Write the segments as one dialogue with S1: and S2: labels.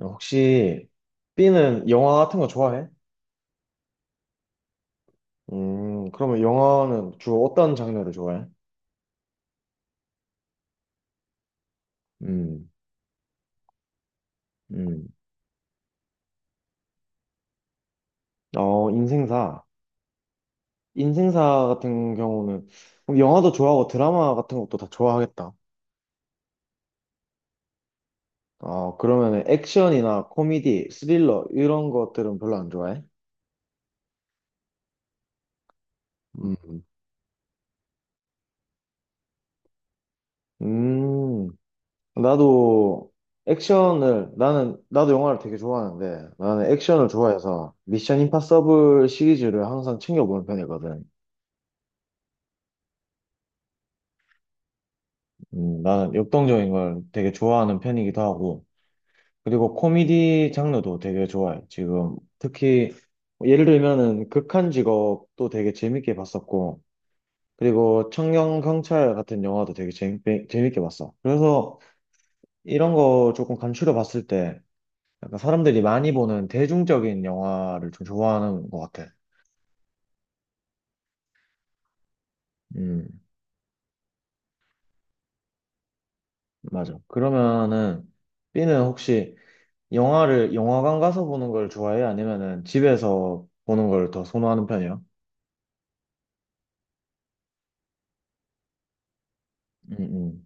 S1: 혹시 B는 영화 같은 거 좋아해? 그러면 영화는 주로 어떤 장르를 좋아해? 음. 음. 어, 인생사. 인생사 같은 경우는 그럼 영화도 좋아하고 드라마 같은 것도 다 좋아하겠다. 어, 그러면 액션이나 코미디, 스릴러 이런 것들은 별로 안 좋아해? 음. 음, 나도 나도 영화를 되게 좋아하는데 나는 액션을 좋아해서 미션 임파서블 시리즈를 항상 챙겨보는 편이거든. 나는 역동적인 걸 되게 좋아하는 편이기도 하고, 그리고 코미디 장르도 되게 좋아해. 지금 특히 뭐 예를 들면은 극한 직업도 되게 재밌게 봤었고, 그리고 청년 경찰 같은 영화도 되게 재밌게 봤어. 그래서 이런 거 조금 간추려 봤을 때, 약간 사람들이 많이 보는 대중적인 영화를 좀 좋아하는 것 같아. 음, 맞아. 그러면은 B는 혹시 영화를 영화관 가서 보는 걸 좋아해? 아니면은 집에서 보는 걸 더 선호하는 편이야? 응, 응,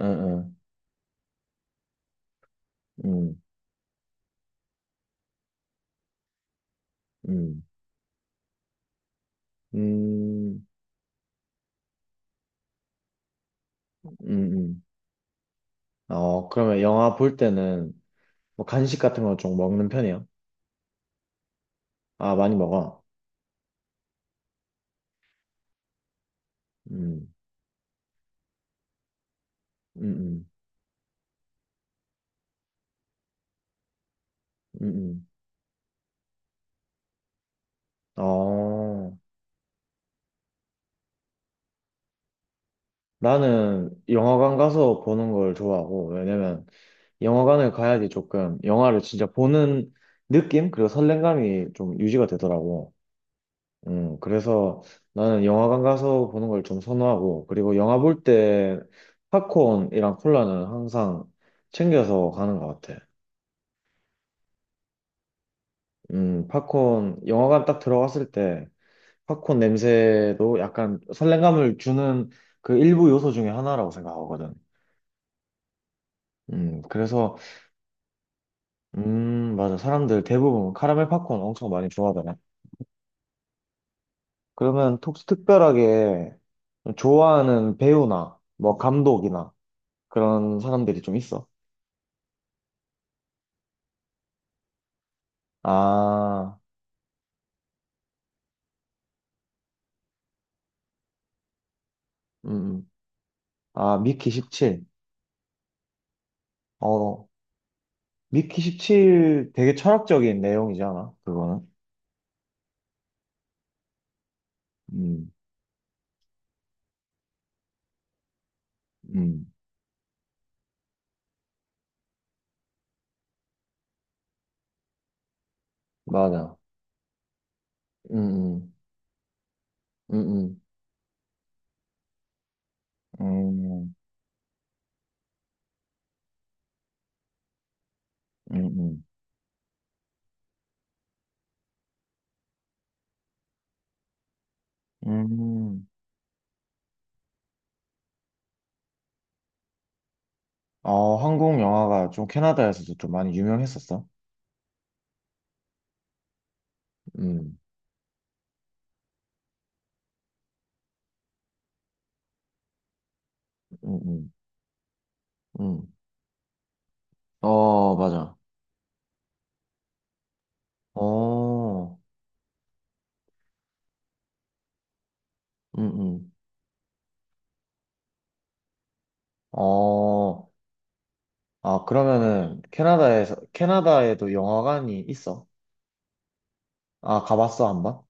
S1: 응, 응, 응, 응, 응, 응. 어, 그러면 영화 볼 때는 뭐 간식 같은 거 좀 먹는 편이야? 아, 많이 먹어. 음. 음. 음. 음. 음. 어, 나는 영화관 가서 보는 걸 좋아하고, 왜냐면 영화관을 가야지 조금 영화를 진짜 보는 느낌? 그리고 설렘감이 좀 유지가 되더라고. 그래서 나는 영화관 가서 보는 걸 좀 선호하고, 그리고 영화 볼 때 팝콘이랑 콜라는 항상 챙겨서 가는 것 같아. 팝콘, 영화관 딱 들어갔을 때 팝콘 냄새도 약간 설렘감을 주는 그 일부 요소 중에 하나라고 생각하거든. 그래서, 맞아. 사람들 대부분 카라멜 팝콘 엄청 많이 좋아하더라. 그러면 혹시 특별하게 좋아하는 배우나 뭐 감독이나 그런 사람들이 좀 있어? 아. 음. 음. 아, 미키 17. 어, 미키 17 되게 철학적인 내용이잖아, 그거는. 음. 음. 맞아. 음. 음. 음. 음. 음. 음. 음. 음. 어, 한국 영화가 좀 캐나다에서도 좀 많이 유명했었어. 음. 음. 음. 음. 어, 맞아. 어. 음. 음. 어. 아, 그러면은 캐나다에서, 캐나다에도 영화관이 있어? 아, 가봤어, 한 번?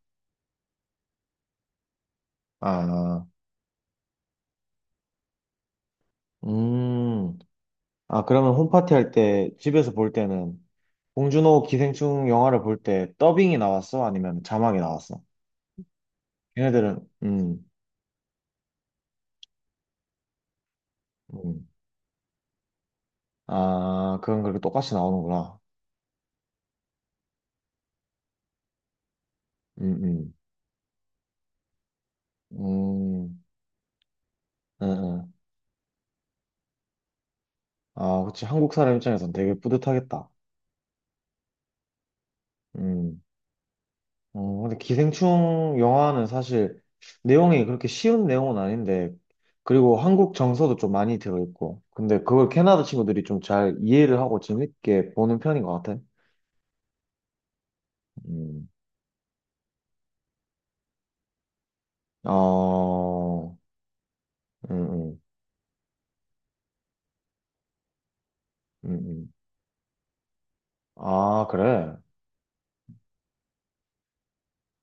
S1: 아. 음. 아, 그러면 홈파티 할 때, 집에서 볼 때는, 봉준호 기생충 영화를 볼 때 더빙이 나왔어? 아니면 자막이 나왔어? 걔네들은. 음. 음. 아, 그건 그렇게 똑같이 나오는구나. 음. 음. 음. 음. 음. 아, 그치. 한국 사람 입장에선 되게 뿌듯하겠다. 음. 근데 기생충 영화는 사실 내용이 그렇게 쉬운 내용은 아닌데, 그리고 한국 정서도 좀 많이 들어있고, 근데 그걸 캐나다 친구들이 좀 잘 이해를 하고 재밌게 보는 편인 것 같아. 음. 어. 음. 음. 음. 음. 아, 그래.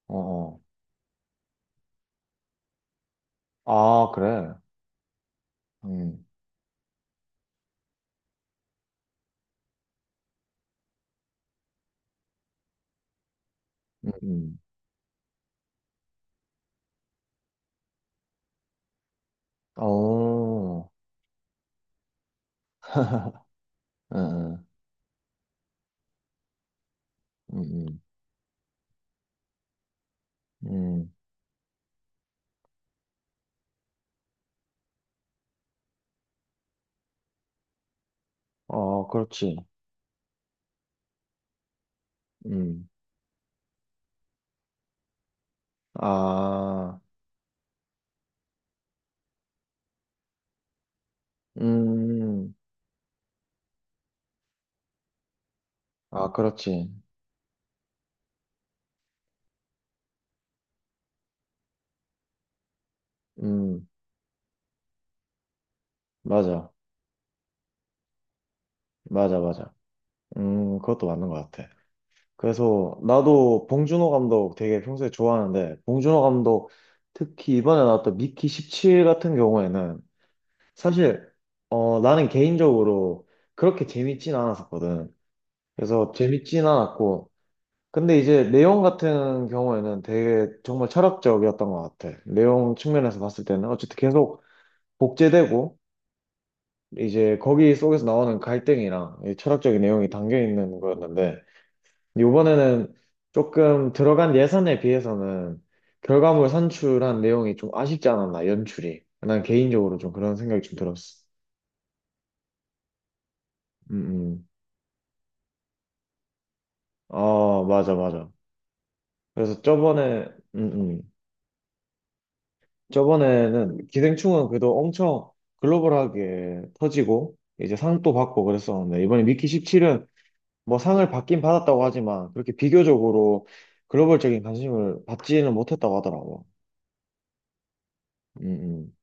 S1: 어, 어. 아, 그래. 음. 음. 음. 어. 음. 음. 음. 음. 음. 어, 그렇지. 음. 아. 음. 아, 그렇지. 음, 맞아. 맞아, 맞아. 그것도 맞는 것 같아. 그래서 나도 봉준호 감독 되게 평소에 좋아하는데, 봉준호 감독 특히 이번에 나왔던 미키 17 같은 경우에는 사실, 어, 나는 개인적으로 그렇게 재밌진 않았었거든. 그래서 재밌진 않았고, 근데 이제 내용 같은 경우에는 되게 정말 철학적이었던 것 같아. 내용 측면에서 봤을 때는 어쨌든 계속 복제되고, 이제 거기 속에서 나오는 갈등이랑 이 철학적인 내용이 담겨 있는 거였는데 이번에는 조금 들어간 예산에 비해서는 결과물 산출한 내용이 좀 아쉽지 않았나 연출이 난 개인적으로 좀 그런 생각이 좀 들었어. 음. 음. 아, 맞아, 맞아. 그래서 저번에 음. 음. 저번에는 기생충은 그래도 엄청 글로벌하게 터지고 이제 상도 받고 그랬었는데 이번에 미키 17은 뭐 상을 받긴 받았다고 하지만 그렇게 비교적으로 글로벌적인 관심을 받지는 못했다고 하더라고. 음. 음.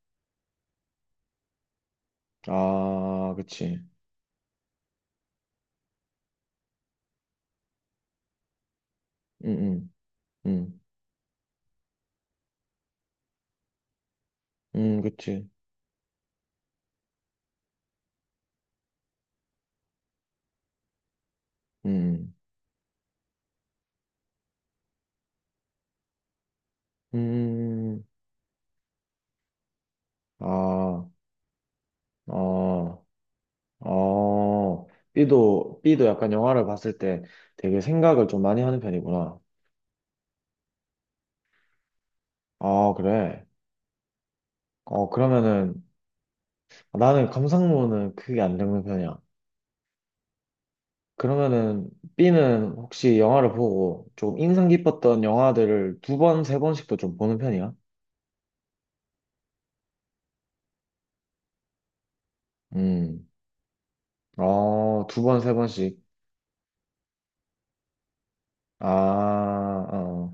S1: 아, 그치. 음. 음. 음. 그치. 음. 음. 음. 음. 아, 어, 어. B도, B도 약간 영화를 봤을 때 되게 생각을 좀 많이 하는 편이구나. 아, 그래. 어, 그러면은 나는 감상문은 크게 안 읽는 편이야. 그러면은 B는 혹시 영화를 보고 조금 인상 깊었던 영화들을 두 번, 세 번씩도 좀 보는 편이야? 음. 어, 두 번, 세 번씩. 아, 어.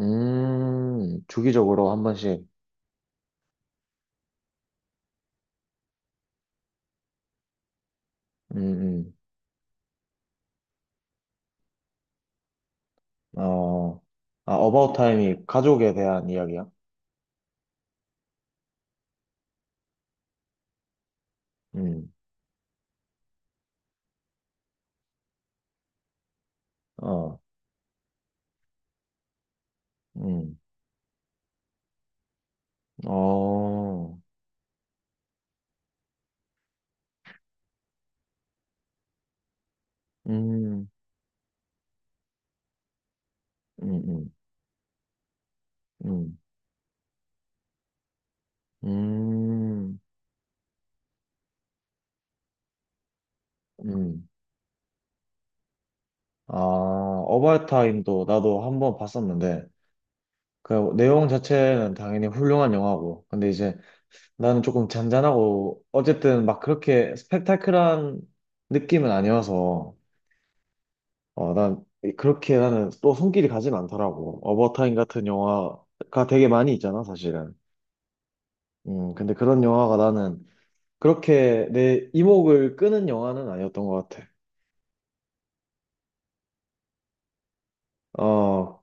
S1: 주기적으로 한 번씩. 음. 음. 어. 아, 어바웃 타임이 가족에 대한 이야기야? 음. 어. 음. 어. 음. 음. 음. 음. 음. 음. 아, 어바웃 타임도 나도 한 번 봤었는데 그 내용 자체는 당연히 훌륭한 영화고, 근데 이제 나는 조금 잔잔하고, 어쨌든 막 그렇게 스펙타클한 느낌은 아니어서, 어, 난 그렇게 나는 또 손길이 가진 않더라고. 어버타임 같은 영화가 되게 많이 있잖아, 사실은. 근데 그런 영화가 나는 그렇게 내 이목을 끄는 영화는 아니었던 것 같아. 어,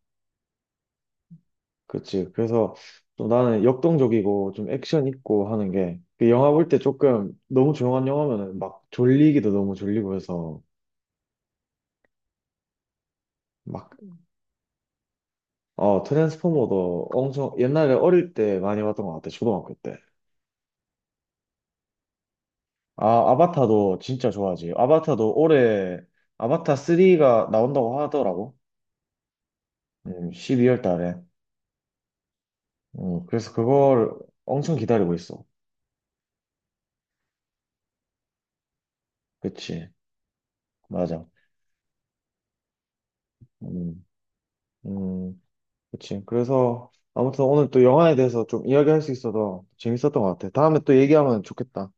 S1: 그치. 그래서 좀 나는 역동적이고 좀 액션 있고 하는 게 그 영화 볼 때 조금 너무 조용한 영화면은 막 졸리기도 너무 졸리고 해서 막, 어, 트랜스포머도 엄청 옛날에 어릴 때 많이 봤던 것 같아. 초등학교 때. 아, 아바타도 진짜 좋아하지. 아바타도 올해 아바타 3가 나온다고 하더라고. 12월 달에. 그래서 그걸 엄청 기다리고 있어. 그치. 맞아. 음. 음. 그치. 그래서 아무튼 오늘 또 영화에 대해서 좀 이야기할 수 있어서 재밌었던 것 같아. 다음에 또 얘기하면 좋겠다.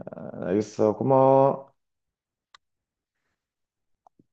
S1: 아, 알겠어. 고마워.